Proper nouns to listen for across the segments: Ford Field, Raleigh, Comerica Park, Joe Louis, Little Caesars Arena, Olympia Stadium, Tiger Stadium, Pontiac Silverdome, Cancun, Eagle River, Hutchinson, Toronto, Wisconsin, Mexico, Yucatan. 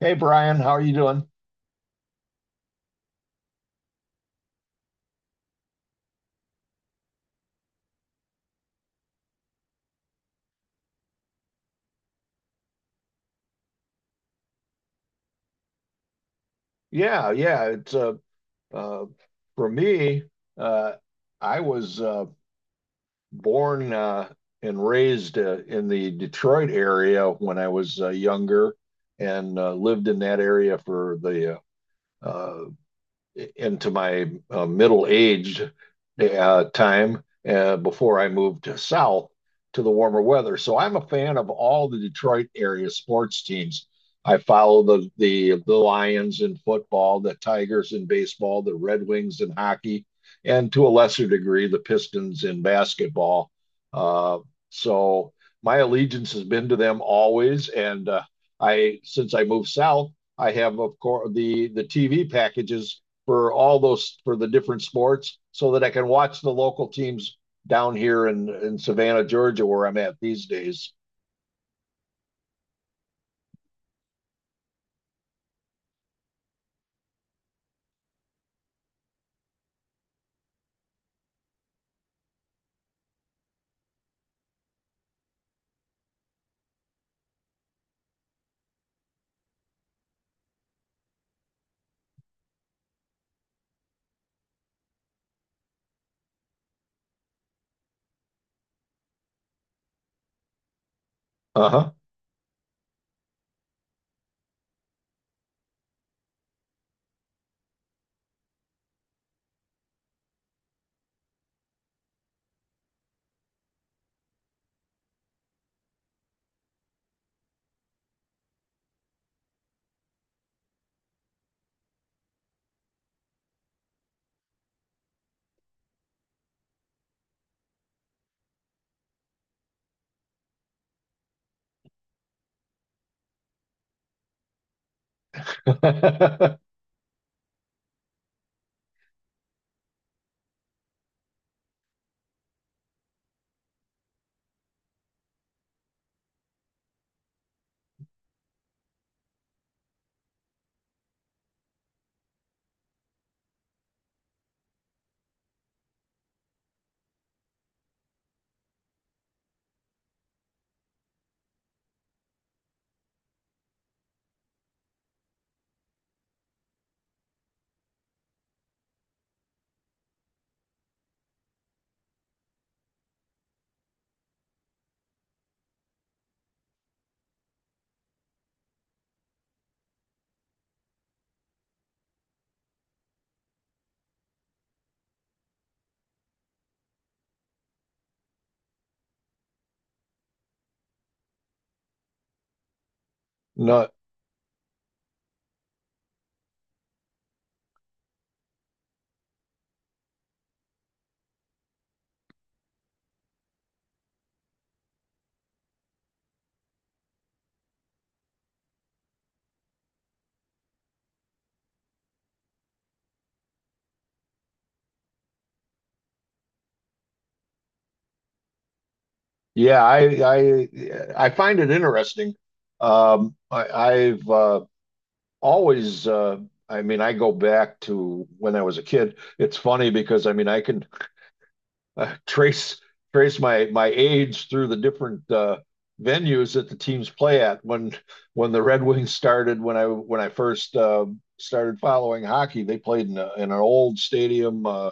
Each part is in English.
Hey Brian, how are you doing? Yeah, yeah. It's uh, for me, uh, I was born and raised in the Detroit area when I was younger, and lived in that area for the uh, uh, into my middle aged time before I moved south to the warmer weather. So I'm a fan of all the Detroit area sports teams. I follow the Lions in football, the Tigers in baseball, the Red Wings in hockey, and to a lesser degree the Pistons in basketball. Uh, so my allegiance has been to them always, and I since I moved south, I have of course the TV packages for all those for the different sports so that I can watch the local teams down here in Savannah, Georgia, where I'm at these days. Uh huh. No, yeah, I I find it interesting. I've always, I mean, I go back to when I was a kid. It's funny because I mean, I can uh, trace trace my age through the different venues that the teams play at. When the Red Wings started, when I first started following hockey, they played in, a, in an old stadium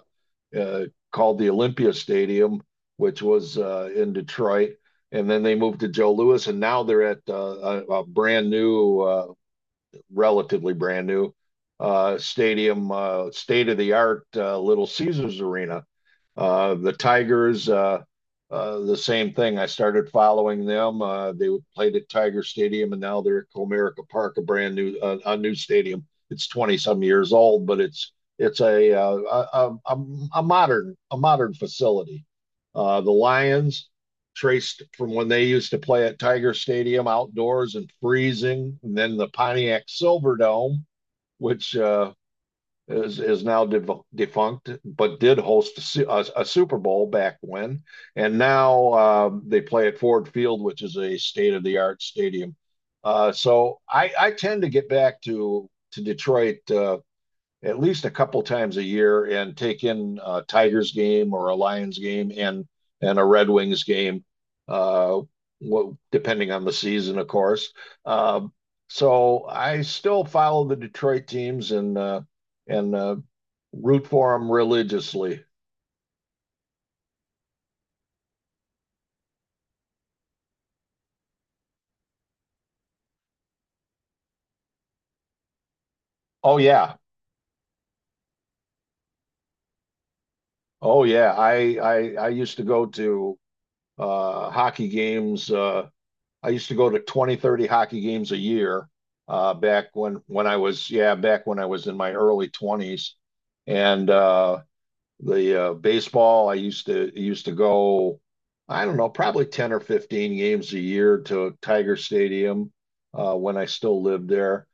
uh, called the Olympia Stadium, which was in Detroit. And then they moved to Joe Louis, and now they're at a brand new relatively brand new stadium, state of the art, Little Caesars Arena. The Tigers, the same thing. I started following them. They played at Tiger Stadium, and now they're at Comerica Park, a brand new a new stadium. It's 20 some years old, but it's a, a- a modern facility. The Lions traced from when they used to play at Tiger Stadium outdoors and freezing, and then the Pontiac Silverdome, which is now defunct, but did host a Super Bowl back when, and now they play at Ford Field, which is a state of the art stadium. So I tend to get back to Detroit at least a couple times a year and take in a Tigers game or a Lions game and a Red Wings game, uh, well, depending on the season, of course. Uh, so I still follow the Detroit teams and root for them religiously. Oh yeah, oh yeah. I used to go to hockey games. I used to go to 20, 30 hockey games a year back when I was yeah back when I was in my early 20s, and the baseball I used to go I don't know probably 10 or 15 games a year to Tiger Stadium when I still lived there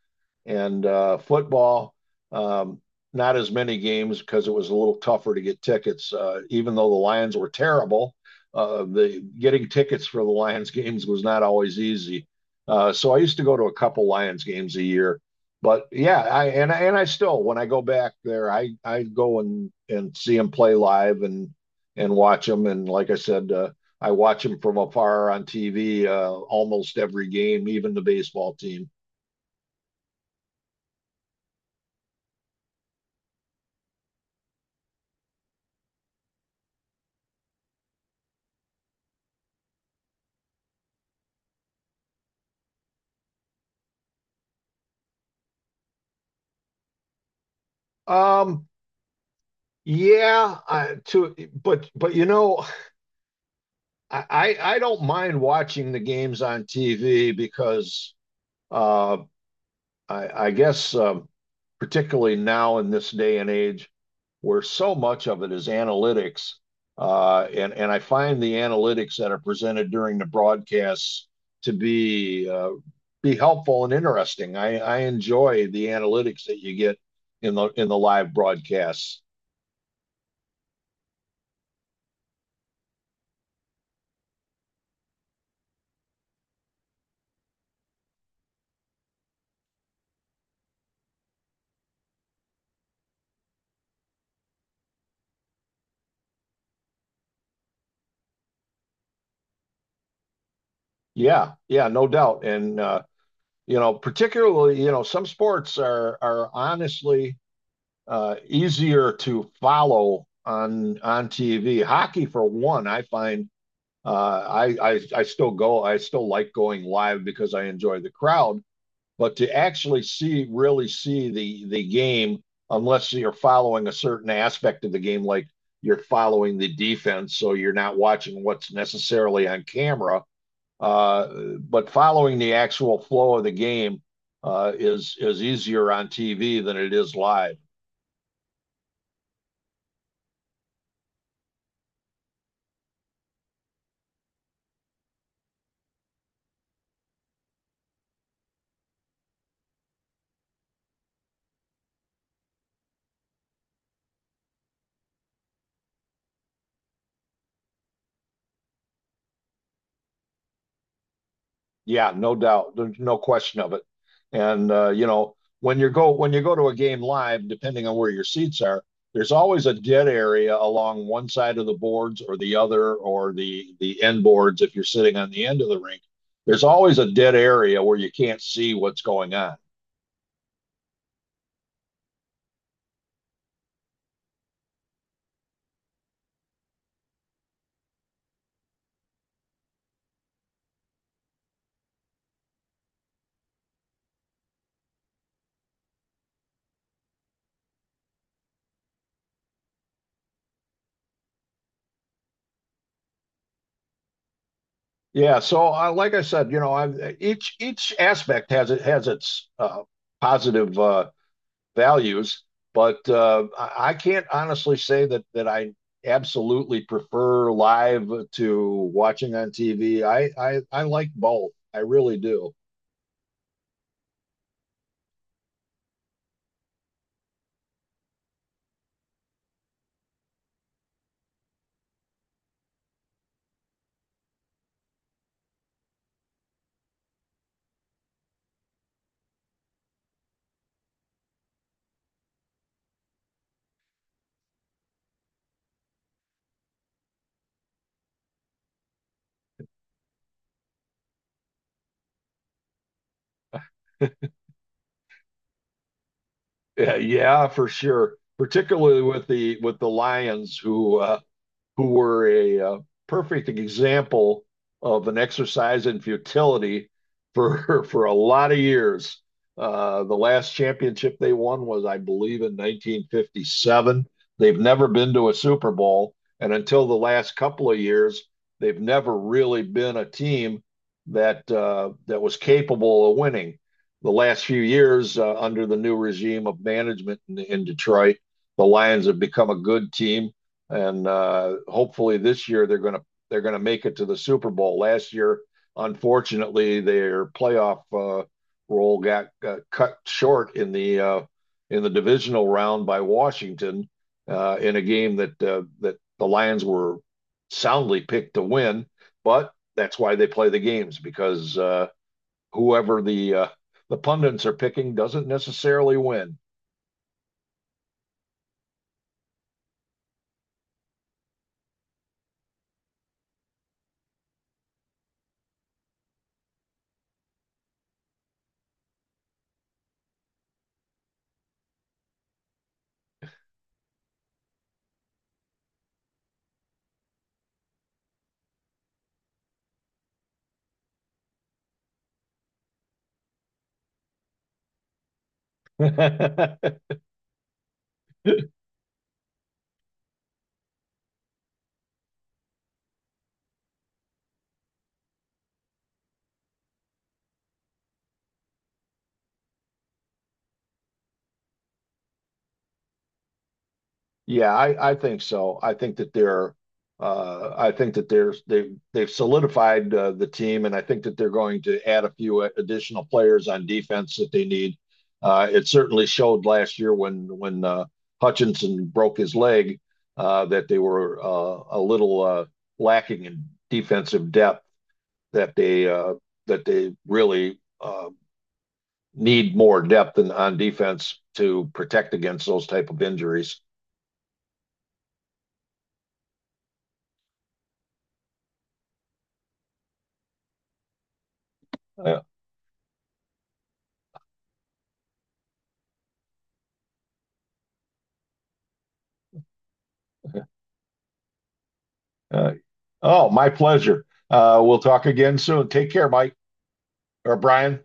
and football. Um, Not as many games because it was a little tougher to get tickets. Even though the Lions were terrible, the getting tickets for the Lions games was not always easy. So I used to go to a couple Lions games a year. But yeah, I still when I go back there, I go and see them play live and watch them. And like I said, I watch them from afar on TV almost every game, even the baseball team. Um, Yeah, to but you know, I don't mind watching the games on TV because uh, I guess particularly now in this day and age where so much of it is analytics, and I find the analytics that are presented during the broadcasts to be helpful and interesting. I enjoy the analytics that you get in the live broadcasts. Yeah, yeah, no doubt, and. You know, particularly, you know, some sports are honestly easier to follow on TV. Hockey, for one, I find, I still go, I still like going live because I enjoy the crowd. But to actually see, really see the game, unless you're following a certain aspect of the game, like you're following the defense, so you're not watching what's necessarily on camera, uh, but following the actual flow of the game is easier on TV than it is live. Yeah, no doubt, there's no question of it. And you know, when you go to a game live, depending on where your seats are, there's always a dead area along one side of the boards or the other, or the end boards if you're sitting on the end of the rink. There's always a dead area where you can't see what's going on. Yeah, so like I said, you know, each aspect has it has its positive values, but I can't honestly say that I absolutely prefer live to watching on TV. I like both. I really do. Yeah, yeah, for sure. Particularly with the Lions, who were a perfect example of an exercise in futility for for a lot of years. The last championship they won was, I believe, in 1957. They've never been to a Super Bowl, and until the last couple of years, they've never really been a team that that was capable of winning. The last few years, under the new regime of management in Detroit, the Lions have become a good team and hopefully this year they're gonna make it to the Super Bowl. Last year, unfortunately, their playoff role got cut short in the divisional round by Washington in a game that that the Lions were soundly picked to win. But that's why they play the games because whoever the pundits are picking doesn't necessarily win. Yeah, I think so. I think that I think that they've solidified the team, and I think that they're going to add a few additional players on defense that they need. It certainly showed last year when Hutchinson broke his leg that they were a little lacking in defensive depth. That they uh, that they really need more depth on defense to protect against those type of injuries. Uh, oh, my pleasure. We'll talk again soon. Take care, Mike or Brian.